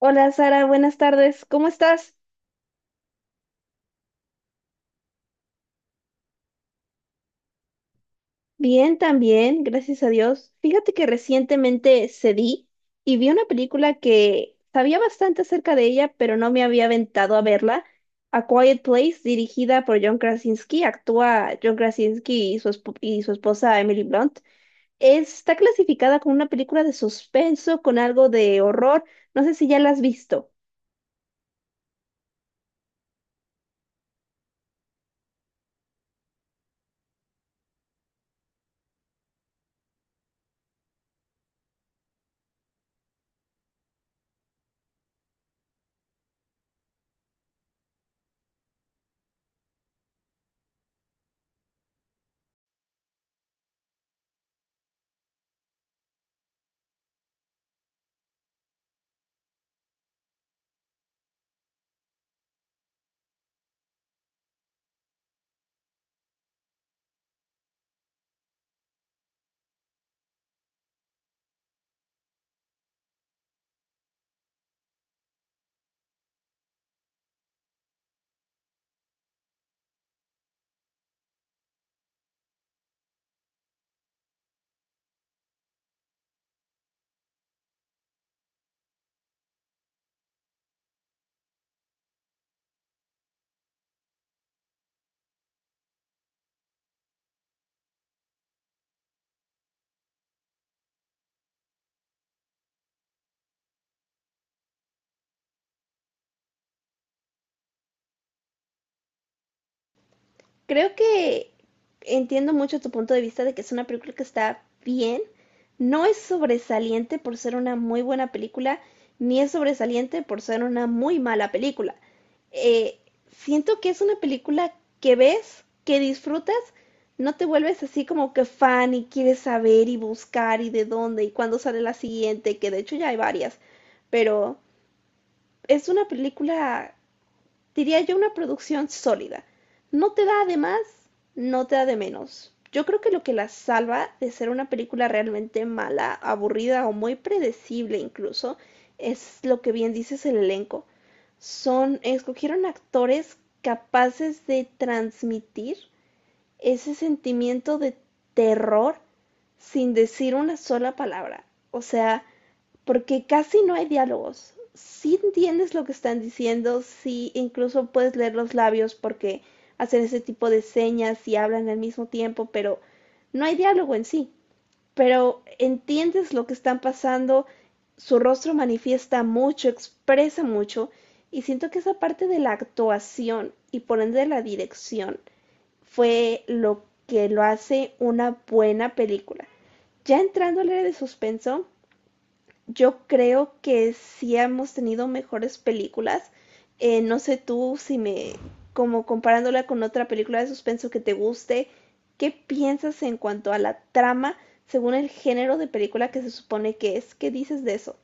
Hola Sara, buenas tardes. ¿Cómo estás? Bien, también, gracias a Dios. Fíjate que recientemente cedí y vi una película que sabía bastante acerca de ella, pero no me había aventado a verla. A Quiet Place, dirigida por John Krasinski, actúa John Krasinski y y su esposa Emily Blunt. Está clasificada como una película de suspenso con algo de horror. No sé si ya la has visto. Creo que entiendo mucho tu punto de vista de que es una película que está bien. No es sobresaliente por ser una muy buena película, ni es sobresaliente por ser una muy mala película. Eh, Siento que es una película que ves, que disfrutas, no te vuelves así como que fan y quieres saber y buscar y de dónde y cuándo sale la siguiente, que de hecho ya hay varias, pero es una película, diría yo, una producción sólida. No te da de más, no te da de menos. Yo creo que lo que la salva de ser una película realmente mala, aburrida o muy predecible incluso, es lo que bien dices, el elenco. Son, escogieron actores capaces de transmitir ese sentimiento de terror sin decir una sola palabra. O sea, porque casi no hay diálogos. Sí entiendes lo que están diciendo, sí incluso puedes leer los labios porque hacen ese tipo de señas y hablan al mismo tiempo, pero no hay diálogo en sí. Pero entiendes lo que están pasando, su rostro manifiesta mucho, expresa mucho, y siento que esa parte de la actuación y por ende de la dirección fue lo que lo hace una buena película. Ya entrando al área de suspenso, yo creo que sí hemos tenido mejores películas. No sé tú si me, como comparándola con otra película de suspenso que te guste, ¿qué piensas en cuanto a la trama según el género de película que se supone que es? ¿Qué dices de eso?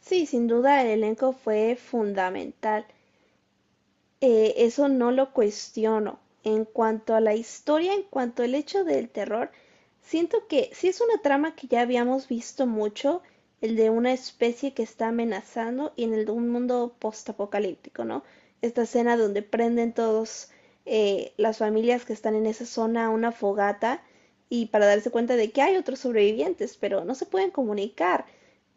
Sí, sin duda el elenco fue fundamental. Eso no lo cuestiono. En cuanto a la historia, en cuanto al hecho del terror, siento que sí es una trama que ya habíamos visto mucho, el de una especie que está amenazando y en el de un mundo postapocalíptico, ¿no? Esta escena donde prenden todos, las familias que están en esa zona, una fogata, y para darse cuenta de que hay otros sobrevivientes, pero no se pueden comunicar,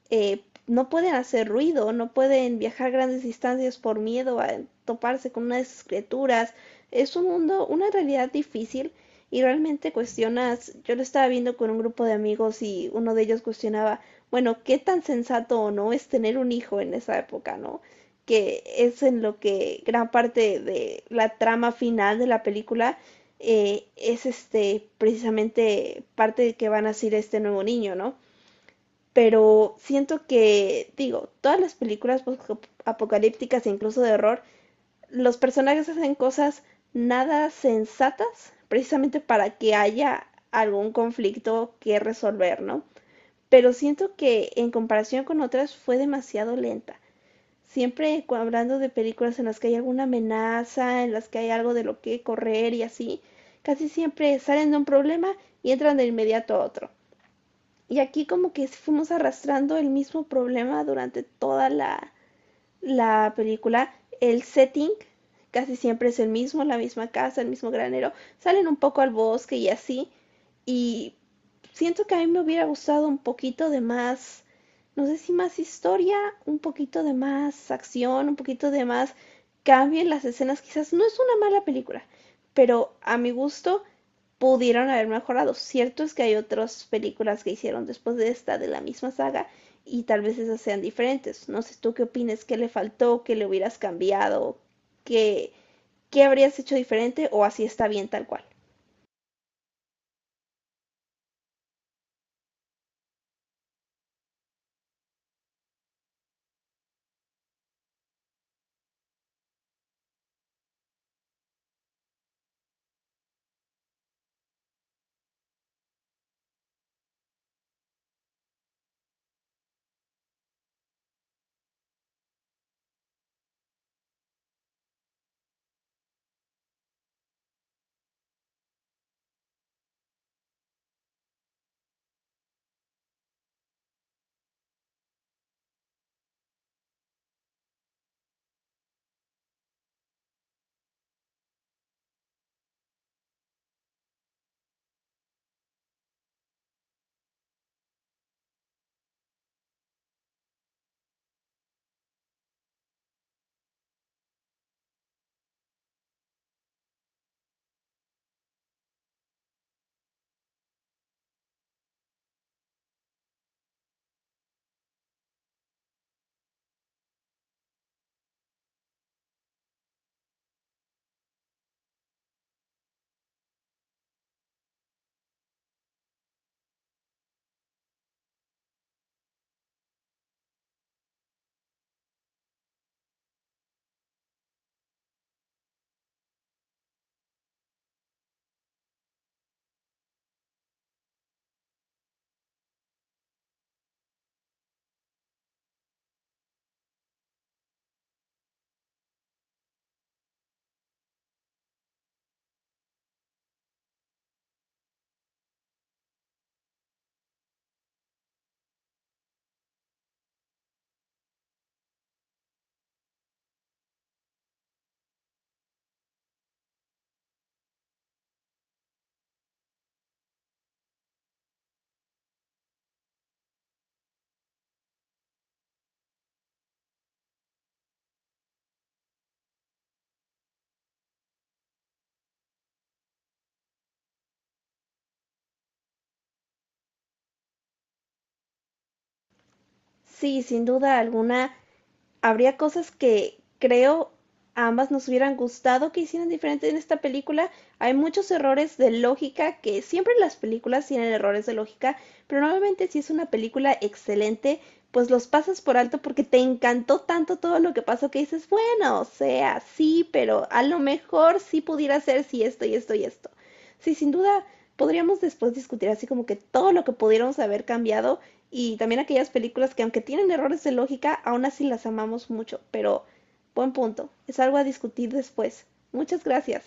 eh, no pueden hacer ruido, no pueden viajar grandes distancias por miedo a toparse con unas criaturas. Es un mundo, una realidad difícil, y realmente cuestionas, yo lo estaba viendo con un grupo de amigos y uno de ellos cuestionaba, bueno, qué tan sensato o no es tener un hijo en esa época, ¿no? Que es en lo que gran parte de la trama final de la película, es este precisamente parte de que van a ser este nuevo niño, ¿no? Pero siento que, digo, todas las películas apocalípticas e incluso de horror, los personajes hacen cosas nada sensatas precisamente para que haya algún conflicto que resolver, ¿no? Pero siento que en comparación con otras fue demasiado lenta. Siempre hablando de películas en las que hay alguna amenaza, en las que hay algo de lo que correr y así, casi siempre salen de un problema y entran de inmediato a otro. Y aquí como que fuimos arrastrando el mismo problema durante toda la película. El setting casi siempre es el mismo, la misma casa, el mismo granero. Salen un poco al bosque y así. Y siento que a mí me hubiera gustado un poquito de más, no sé si más historia, un poquito de más acción, un poquito de más cambio en las escenas. Quizás no es una mala película, pero a mi gusto pudieron haber mejorado. Cierto es que hay otras películas que hicieron después de esta de la misma saga y tal vez esas sean diferentes. No sé tú qué opinas, qué le faltó, qué le hubieras cambiado, qué, qué habrías hecho diferente, o así está bien tal cual. Sí, sin duda alguna, habría cosas que creo a ambas nos hubieran gustado que hicieran diferente en esta película. Hay muchos errores de lógica, que siempre las películas tienen errores de lógica, pero normalmente si es una película excelente, pues los pasas por alto porque te encantó tanto todo lo que pasó que dices, bueno, o sea, sí, pero a lo mejor sí pudiera ser si sí, esto y esto y esto. Sí, sin duda podríamos después discutir así como que todo lo que pudiéramos haber cambiado, y también aquellas películas que aunque tienen errores de lógica, aún así las amamos mucho. Pero, buen punto, es algo a discutir después. Muchas gracias.